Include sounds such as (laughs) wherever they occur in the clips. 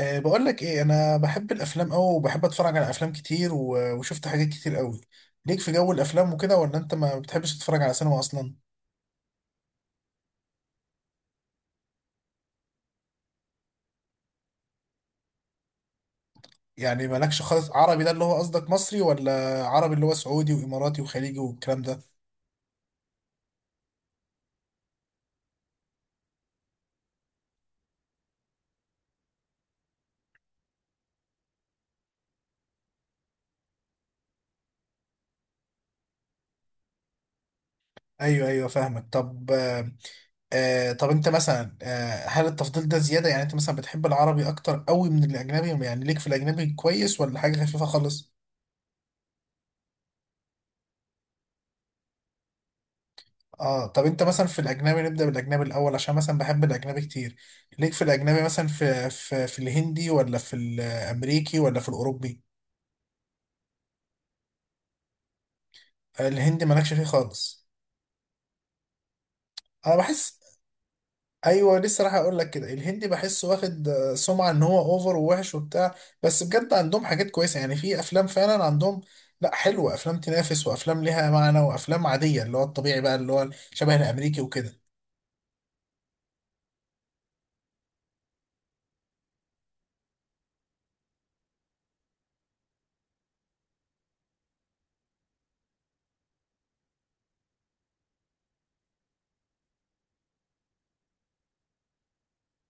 أه بقول لك ايه، انا بحب الافلام قوي وبحب اتفرج على افلام كتير وشفت حاجات كتير قوي. ليك في جو الافلام وكده، ولا انت ما بتحبش تتفرج على سينما اصلا؟ يعني مالكش خالص عربي؟ ده اللي هو قصدك مصري، ولا عربي اللي هو سعودي واماراتي وخليجي والكلام ده؟ ايوه ايوه فاهمك. طب أه، طب انت مثلا، هل التفضيل ده زيادة؟ يعني انت مثلا بتحب العربي اكتر قوي من الاجنبي، يعني ليك في الاجنبي كويس، ولا حاجة خفيفة خالص؟ اه طب انت مثلا في الاجنبي، نبدا بالاجنبي الاول عشان مثلا بحب الاجنبي كتير. ليك في الاجنبي مثلا في الهندي، ولا في الامريكي، ولا في الاوروبي؟ الهندي مالكش فيه خالص؟ انا بحس، ايوه لسه راح اقول لك كده، الهندي بحسه واخد سمعه ان هو اوفر ووحش وبتاع. بس بجد عندهم حاجات كويسه، يعني في افلام فعلا عندهم. لا، حلوه افلام تنافس، وافلام ليها معنى، وافلام عاديه اللي هو الطبيعي بقى اللي هو شبه الامريكي وكده.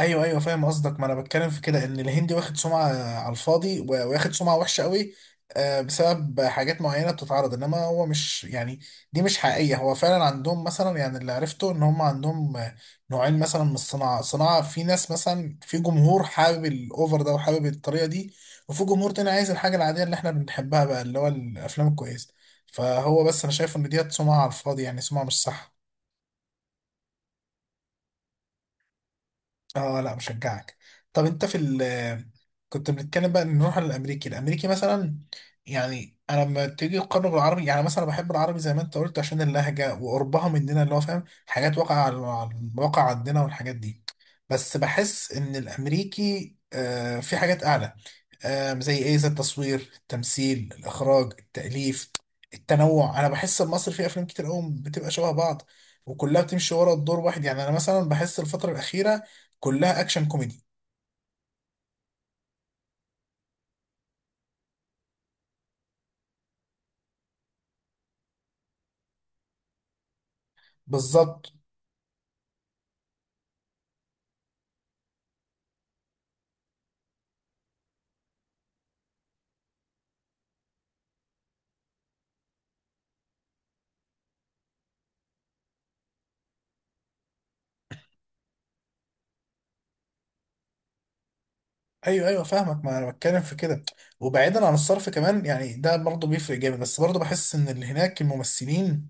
ايوه ايوه فاهم قصدك، ما انا بتكلم في كده ان الهندي واخد سمعه على الفاضي واخد سمعه وحشه قوي بسبب حاجات معينه بتتعرض، انما هو مش يعني دي مش حقيقيه. هو فعلا عندهم مثلا، يعني اللي عرفته ان هم عندهم، نوعين مثلا من الصناعه. صناعه في ناس مثلا، في جمهور حابب الاوفر ده وحابب الطريقه دي، وفي جمهور تاني عايز الحاجه العاديه اللي احنا بنحبها بقى اللي هو الافلام الكويسه. فهو بس انا شايف ان ديت سمعه على الفاضي، يعني سمعه مش صح. اه لا مشجعك. طب انت في ال، كنت بنتكلم بقى، نروح على الامريكي. الامريكي مثلا، يعني انا لما تيجي تقارنه بالعربي، يعني مثلا بحب العربي زي ما انت قلت عشان اللهجه وقربها مننا اللي هو فاهم حاجات واقع على على الواقع عندنا والحاجات دي. بس بحس ان الامريكي آه في حاجات اعلى. زي ايه؟ زي التصوير، التمثيل، الاخراج، التاليف، التنوع. انا بحس إن مصر فيه افلام كتير قوي بتبقى شبه بعض، وكلها بتمشي ورا الدور واحد. يعني انا مثلا بحس الفتره الاخيره كلها اكشن كوميدي. بالظبط. ايوه ايوه فاهمك، ما انا بتكلم في كده. وبعيدا عن الصرف كمان، يعني ده برضه بيفرق جامد، بس برضه بحس ان اللي هناك الممثلين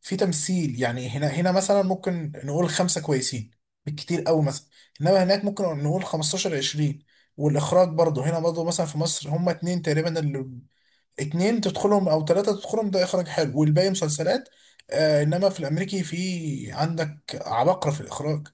في تمثيل، يعني هنا مثلا ممكن نقول خمسه كويسين بالكتير قوي مثلا، انما هناك ممكن نقول 15 20. والاخراج برضه برضه مثلا في مصر هما اتنين تقريبا، اللي تدخلهم او ثلاثه تدخلهم ده اخراج حلو، والباقي مسلسلات. آه انما في الامريكي في عندك عباقرة في الاخراج.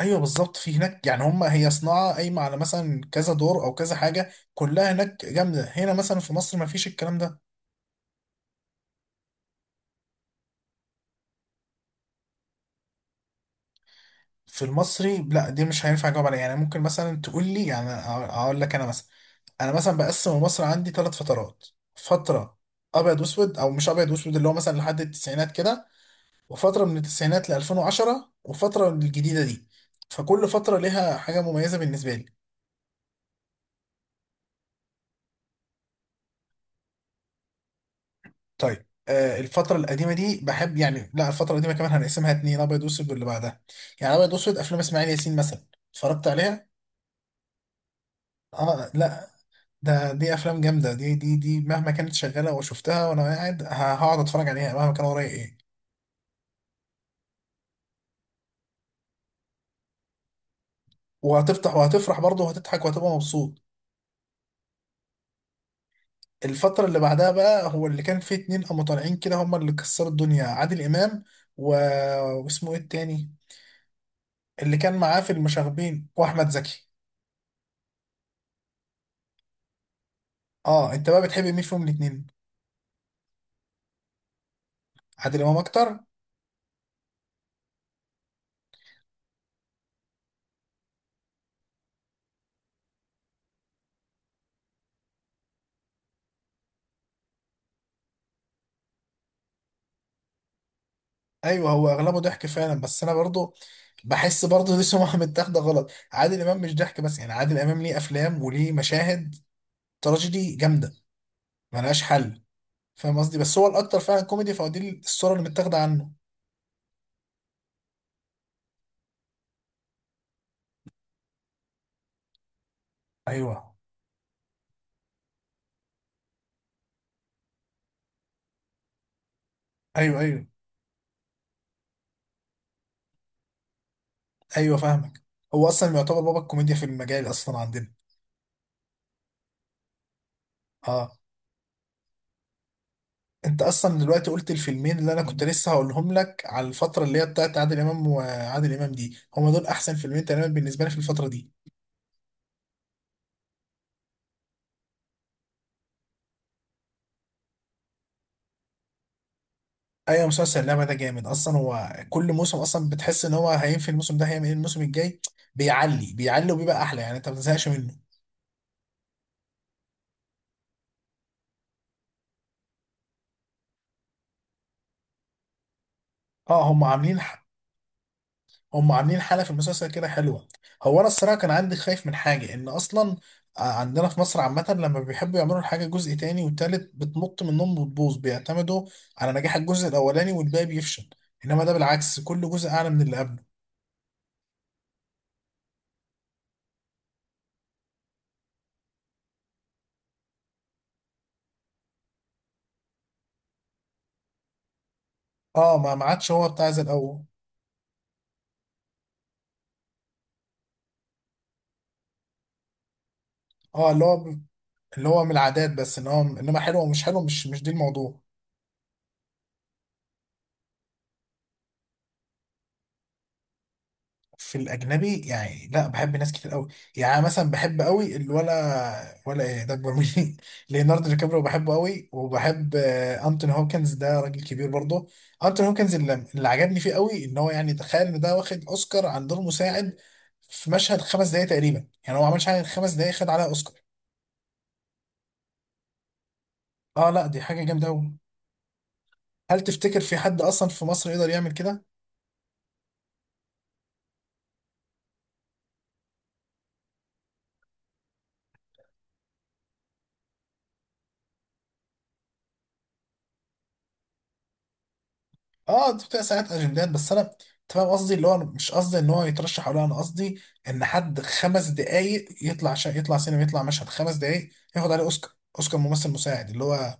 ايوه بالظبط، في هناك يعني هم، هي صناعه قايمه على مثلا كذا دور او كذا حاجه كلها هناك جامده، هنا مثلا في مصر ما فيش الكلام ده. في المصري لا دي مش هينفع اجاوب عليها، يعني ممكن مثلا تقول لي، يعني اقول لك انا مثلا بقسم مصر عندي ثلاث فترات. فتره ابيض واسود، او مش ابيض واسود اللي هو مثلا لحد التسعينات كده، وفتره من التسعينات ل 2010، وفتره الجديده دي. فكل فتره ليها حاجه مميزه بالنسبه لي. طيب الفترة القديمة دي بحب، يعني لا الفترة القديمة كمان هنقسمها اتنين: أبيض وأسود، واللي بعدها. يعني أبيض وأسود أفلام إسماعيل ياسين مثلا، اتفرجت عليها؟ آه لا، دي أفلام جامدة، دي مهما كانت شغالة وشفتها وأنا قاعد، هقعد أتفرج عليها مهما كان ورايا إيه. وهتفتح وهتفرح برضه وهتضحك وهتبقى مبسوط. الفترة اللي بعدها بقى هو اللي كان فيه اتنين قاموا طالعين كده، هما اللي كسروا الدنيا: عادل إمام و... واسمه إيه التاني، اللي كان معاه في المشاغبين، وأحمد زكي. اه انت بقى بتحب مين فيهم الاتنين؟ عادل امام اكتر. ايوه هو اغلبه ضحك فعلا، بس انا برضو بحس برضو دي سمعه متاخده غلط. عادل امام مش ضحك بس، يعني عادل امام ليه افلام وليه مشاهد تراجيدي جامده ملهاش حل. فاهم قصدي؟ بس هو الاكتر فعلا كوميدي، فهو دي الصوره اللي متاخده عنه. ايوه ايوه ايوه ايوه فاهمك. هو اصلا يعتبر بابا الكوميديا في المجال اصلا عندنا. اه انت اصلا دلوقتي قلت الفيلمين اللي انا كنت لسه هقولهم لك على الفتره اللي هي بتاعت عادل امام، وعادل امام دي هما دول احسن فيلمين تقريبا بالنسبه لي في الفتره دي. ايوه مسلسل اللعبه ده جامد اصلا، هو كل موسم اصلا بتحس ان هو هينفي، الموسم ده هيعمل ايه الموسم الجاي. بيعلي وبيبقى احلى، يعني انت ما بتزهقش منه. اه هم عاملين هم عاملين حاله في المسلسل كده حلوه. هو انا الصراحه كان عندي خايف من حاجه ان اصلا، عندنا في مصر عامه لما بيحبوا يعملوا الحاجه جزء تاني وتالت بتنط منهم وتبوظ، بيعتمدوا على نجاح الجزء الاولاني والباقي بيفشل. انما ده بالعكس، كل جزء اعلى من اللي قبله. اه ما عادش هو بتاع زي الاول. اه اللي هو، اللي هو من العادات بس، ان هو انما حلو او مش حلو، مش دي الموضوع. في الاجنبي يعني لا بحب ناس كتير قوي. يعني أنا مثلا بحب قوي الولا ولا ايه ده اكبر مني (laughs) ليوناردو دي كابريو، بحبه قوي. وبحب انتوني هوكنز، ده راجل كبير برضه. انتوني هوكنز اللي عجبني فيه قوي ان هو، يعني تخيل ان ده واخد اوسكار عن دور مساعد في مشهد خمس دقايق تقريبا. يعني هو ما عملش حاجه غير خمس دقايق، خد عليها اوسكار. اه لا دي حاجه جامده قوي. هل تفتكر في حد اصلا في مصر يقدر يعمل كده؟ اه انت بتبقى ساعات اجندات، بس انا، انت فاهم قصدي اللي هو، أنا مش قصدي ان هو يترشح، ولا انا قصدي ان حد خمس دقايق يطلع يطلع سينما، يطلع مشهد خمس دقايق ياخد عليه اوسكار، اوسكار ممثل مساعد اللي هو.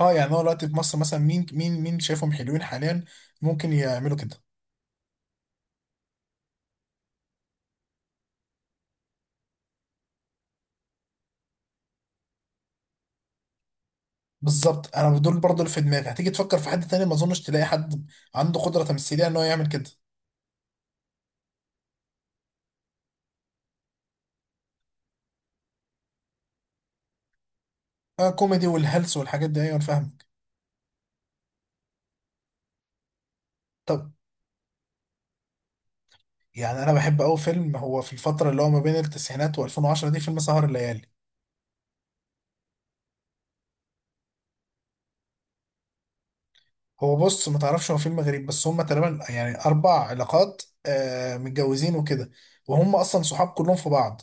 اه يعني هو دلوقتي في مصر مثلا مين شايفهم حلوين حاليا ممكن يعملوا كده؟ بالظبط انا دول برضه اللي في دماغي. هتيجي تفكر في حد تاني ما اظنش تلاقي حد عنده قدرة تمثيلية ان هو يعمل كده. اه كوميدي والهلس والحاجات دي، ايوه انا فاهمك. طب يعني انا بحب قوي فيلم، هو في الفترة اللي هو ما بين التسعينات و2010 دي، فيلم سهر الليالي. هو بص ما تعرفش، هو فين المغرب بس، هم تقريبا يعني اربع علاقات متجوزين وكده، وهم اصلا صحاب كلهم في بعض.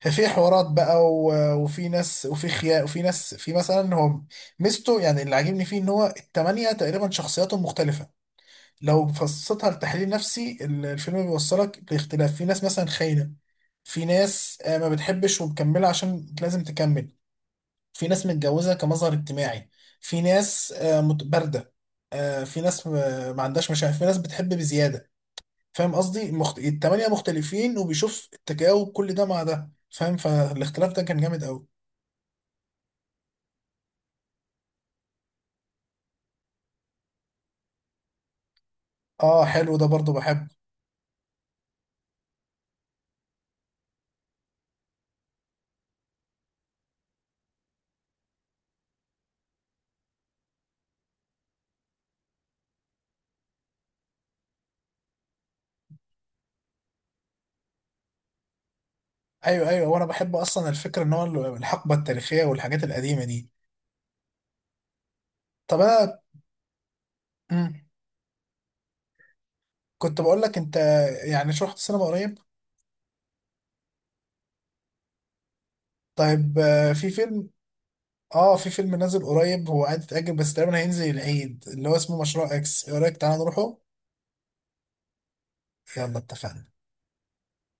ففي حوارات بقى وفي ناس وفي خيانة وفي ناس في مثلا. هو ميزته يعني اللي عاجبني فيه ان هو التمانية تقريبا شخصياتهم مختلفة. لو فصلتها لتحليل نفسي، الفيلم بيوصلك لاختلاف. في ناس مثلا خاينة، في ناس ما بتحبش ومكملة عشان لازم تكمل، في ناس متجوزة كمظهر اجتماعي، في ناس باردة، في ناس ما عندهاش مشاعر، في ناس بتحب بزيادة. فاهم قصدي؟ التمانية مختلفين، وبيشوف التجاوب كل ده مع ده، فاهم؟ فالاختلاف ده كان جامد قوي. اه حلو ده برضو بحبه. ايوه ايوه، وانا بحب اصلا الفكرة ان هو الحقبة التاريخية والحاجات القديمة دي. طب انا مم. كنت بقول لك انت، يعني شو رحت السينما قريب؟ طيب في فيلم، اه في فيلم نازل قريب، هو قاعد يتأجل بس تقريبا هينزل العيد، اللي هو اسمه مشروع اكس. ايه رأيك تعالى نروحه؟ يلا اتفقنا.